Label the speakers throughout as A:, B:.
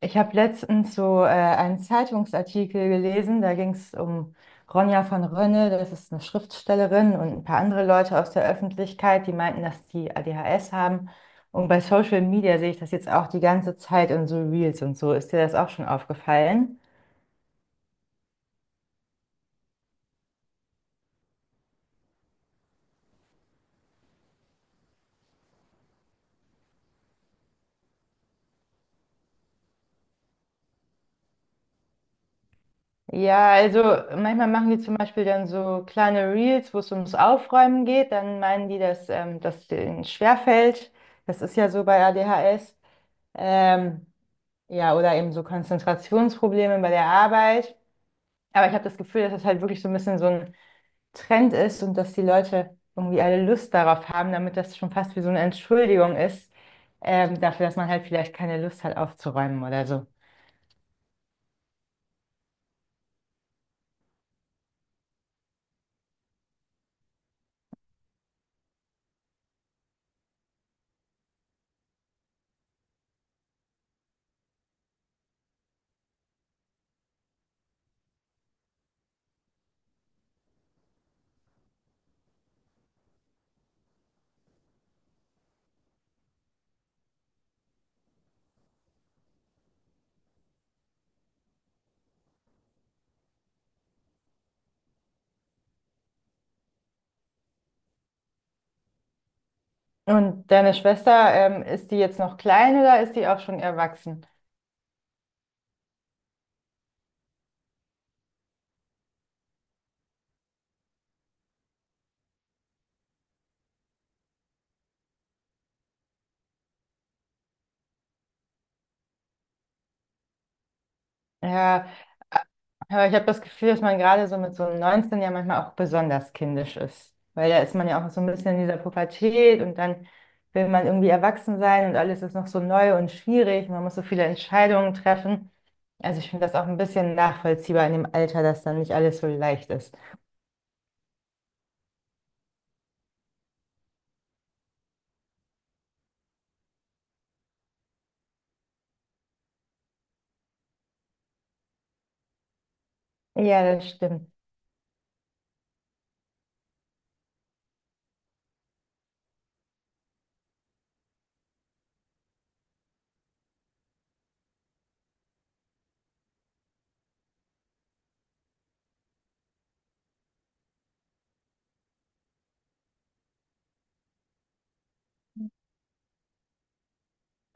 A: Ich habe letztens so einen Zeitungsartikel gelesen, da ging es um Ronja von Rönne, das ist eine Schriftstellerin und ein paar andere Leute aus der Öffentlichkeit, die meinten, dass die ADHS haben. Und bei Social Media sehe ich das jetzt auch die ganze Zeit in so Reels und so. Ist dir das auch schon aufgefallen? Ja, also manchmal machen die zum Beispiel dann so kleine Reels, wo es ums Aufräumen geht. Dann meinen die, dass das denen schwerfällt. Das ist ja so bei ADHS. Ähm, Ja, oder eben so Konzentrationsprobleme bei der Arbeit. Aber ich habe das Gefühl, dass das halt wirklich so ein bisschen so ein Trend ist und dass die Leute irgendwie alle Lust darauf haben, damit das schon fast wie so eine Entschuldigung ist, dafür, dass man halt vielleicht keine Lust hat aufzuräumen oder so. Und deine Schwester, ist die jetzt noch klein oder ist die auch schon erwachsen? Ja, aber ich habe das Gefühl, dass man gerade so mit so einem 19 ja manchmal auch besonders kindisch ist. Weil da ist man ja auch so ein bisschen in dieser Pubertät und dann will man irgendwie erwachsen sein und alles ist noch so neu und schwierig. Man muss so viele Entscheidungen treffen. Also ich finde das auch ein bisschen nachvollziehbar in dem Alter, dass dann nicht alles so leicht ist. Ja, das stimmt.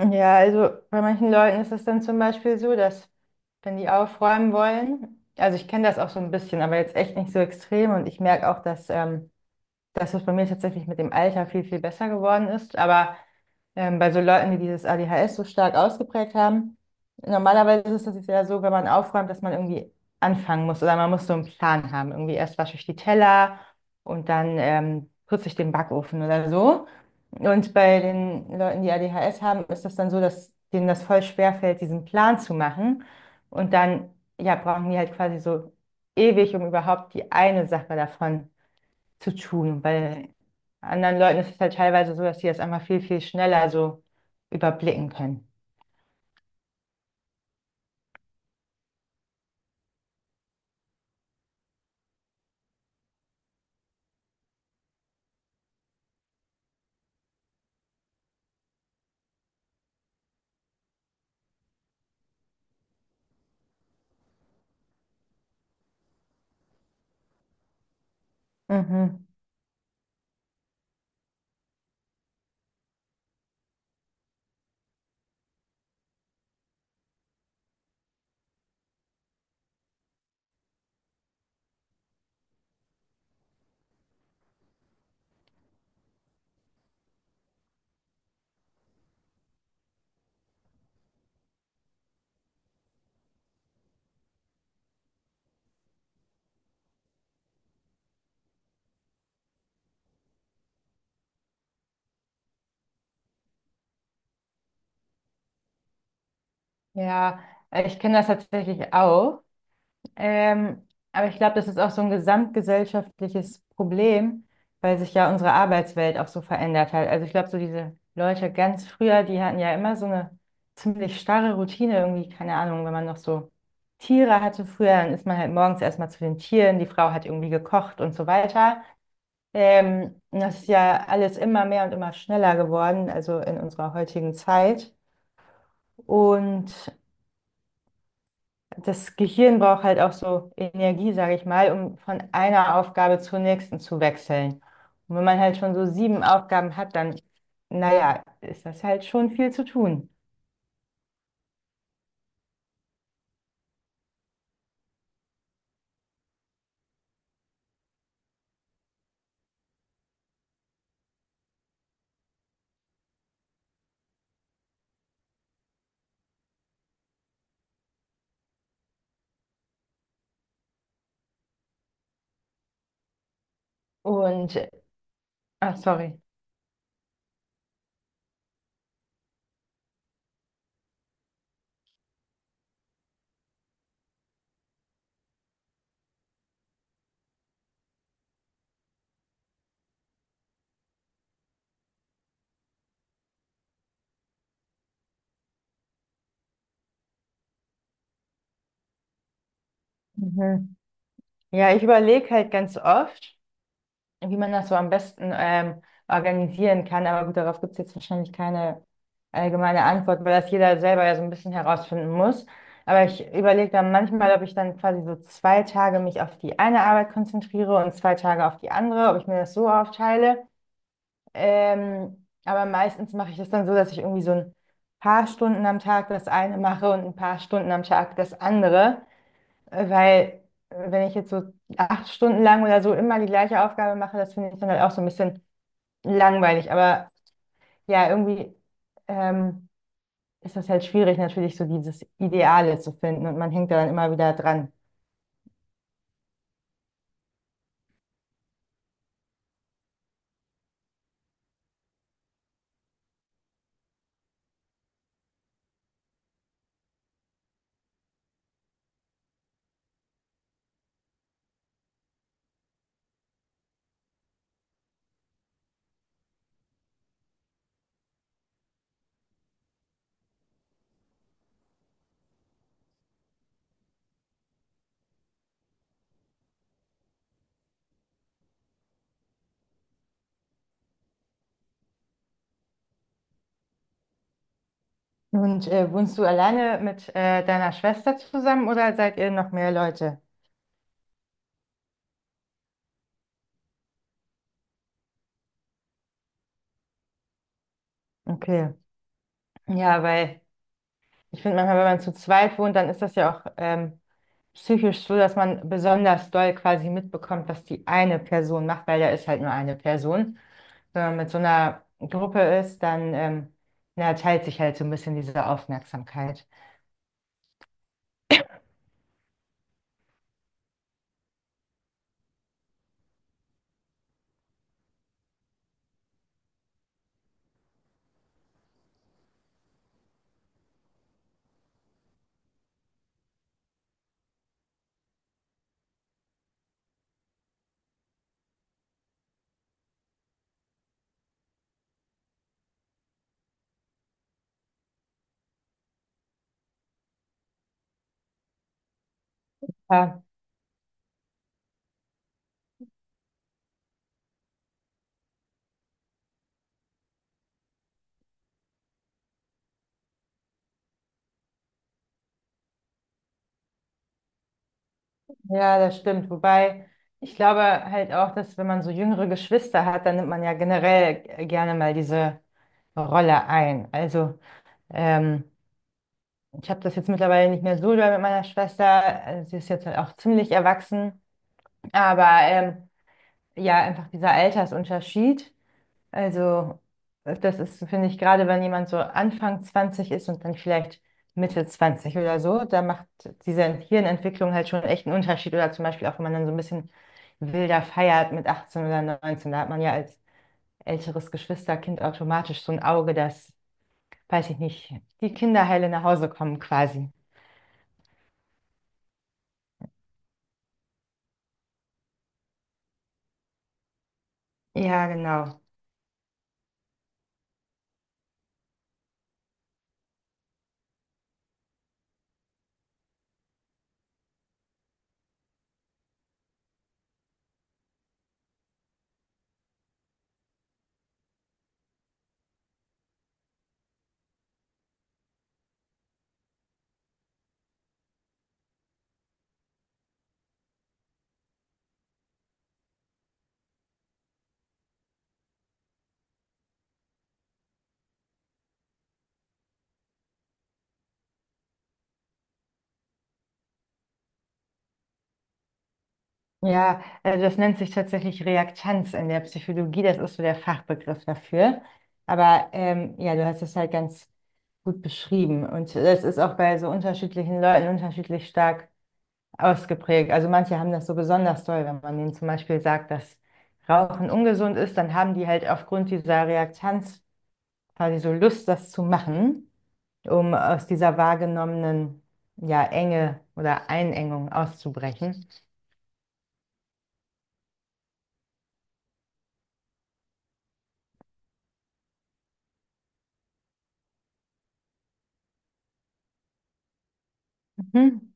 A: Ja, also bei manchen Leuten ist es dann zum Beispiel so, dass wenn die aufräumen wollen, also ich kenne das auch so ein bisschen, aber jetzt echt nicht so extrem und ich merke auch, dass dass es bei mir tatsächlich mit dem Alter viel, viel besser geworden ist. Aber bei so Leuten, die dieses ADHS so stark ausgeprägt haben, normalerweise ist es ja so, wenn man aufräumt, dass man irgendwie anfangen muss oder man muss so einen Plan haben. Irgendwie erst wasche ich die Teller und dann putze ich den Backofen oder so. Und bei den Leuten, die ADHS haben, ist das dann so, dass denen das voll schwer fällt, diesen Plan zu machen. Und dann, ja, brauchen die halt quasi so ewig, um überhaupt die eine Sache davon zu tun, weil anderen Leuten ist es halt teilweise so, dass die das einfach viel, viel schneller so überblicken können. Mhm. Ja, ich kenne das tatsächlich auch. Ähm, aber ich glaube, das ist auch so ein gesamtgesellschaftliches Problem, weil sich ja unsere Arbeitswelt auch so verändert hat. Also ich glaube, so diese Leute ganz früher, die hatten ja immer so eine ziemlich starre Routine irgendwie, keine Ahnung, wenn man noch so Tiere hatte früher, dann ist man halt morgens erstmal zu den Tieren, die Frau hat irgendwie gekocht und so weiter. Das ist ja alles immer mehr und immer schneller geworden, also in unserer heutigen Zeit. Und das Gehirn braucht halt auch so Energie, sage ich mal, um von einer Aufgabe zur nächsten zu wechseln. Und wenn man halt schon so sieben Aufgaben hat, dann, naja, ist das halt schon viel zu tun. Und, ach, sorry. Mhm. Ja, ich überlege halt ganz oft, wie man das so am besten organisieren kann. Aber gut, darauf gibt es jetzt wahrscheinlich keine allgemeine Antwort, weil das jeder selber ja so ein bisschen herausfinden muss. Aber ich überlege dann manchmal, ob ich dann quasi so zwei Tage mich auf die eine Arbeit konzentriere und zwei Tage auf die andere, ob ich mir das so aufteile. Aber meistens mache ich das dann so, dass ich irgendwie so ein paar Stunden am Tag das eine mache und ein paar Stunden am Tag das andere. Weil wenn ich jetzt so acht Stunden lang oder so immer die gleiche Aufgabe mache, das finde ich dann halt auch so ein bisschen langweilig. Aber ja, irgendwie ähm, ist das halt schwierig, natürlich so dieses Ideale zu finden und man hängt da dann immer wieder dran. Und wohnst du alleine mit deiner Schwester zusammen oder seid ihr noch mehr Leute? Okay. Ja, weil ich finde manchmal, wenn man zu zweit wohnt, dann ist das ja auch psychisch so, dass man besonders doll quasi mitbekommt, was die eine Person macht, weil da ist halt nur eine Person. Wenn man mit so einer Gruppe ist, dann na, teilt sich halt so ein bisschen diese Aufmerksamkeit. Ja, ja, das stimmt. Wobei ich glaube halt auch, dass wenn man so jüngere Geschwister hat, dann nimmt man ja generell gerne mal diese Rolle ein. Also ähm, ich habe das jetzt mittlerweile nicht mehr so doll mit meiner Schwester. Also sie ist jetzt halt auch ziemlich erwachsen. Aber ja, einfach dieser Altersunterschied. Also, das ist, finde ich, gerade wenn jemand so Anfang 20 ist und dann vielleicht Mitte 20 oder so, da macht diese Hirnentwicklung halt schon echt einen Unterschied. Oder zum Beispiel auch, wenn man dann so ein bisschen wilder feiert mit 18 oder 19, da hat man ja als älteres Geschwisterkind automatisch so ein Auge, dass, weiß ich nicht, die Kinderheile nach Hause kommen quasi. Ja, genau. Ja, also das nennt sich tatsächlich Reaktanz in der Psychologie, das ist so der Fachbegriff dafür. Aber ja, du hast es halt ganz gut beschrieben und das ist auch bei so unterschiedlichen Leuten unterschiedlich stark ausgeprägt. Also manche haben das so besonders doll, wenn man denen zum Beispiel sagt, dass Rauchen ungesund ist, dann haben die halt aufgrund dieser Reaktanz quasi so Lust, das zu machen, um aus dieser wahrgenommenen, ja, Enge oder Einengung auszubrechen. Mhm.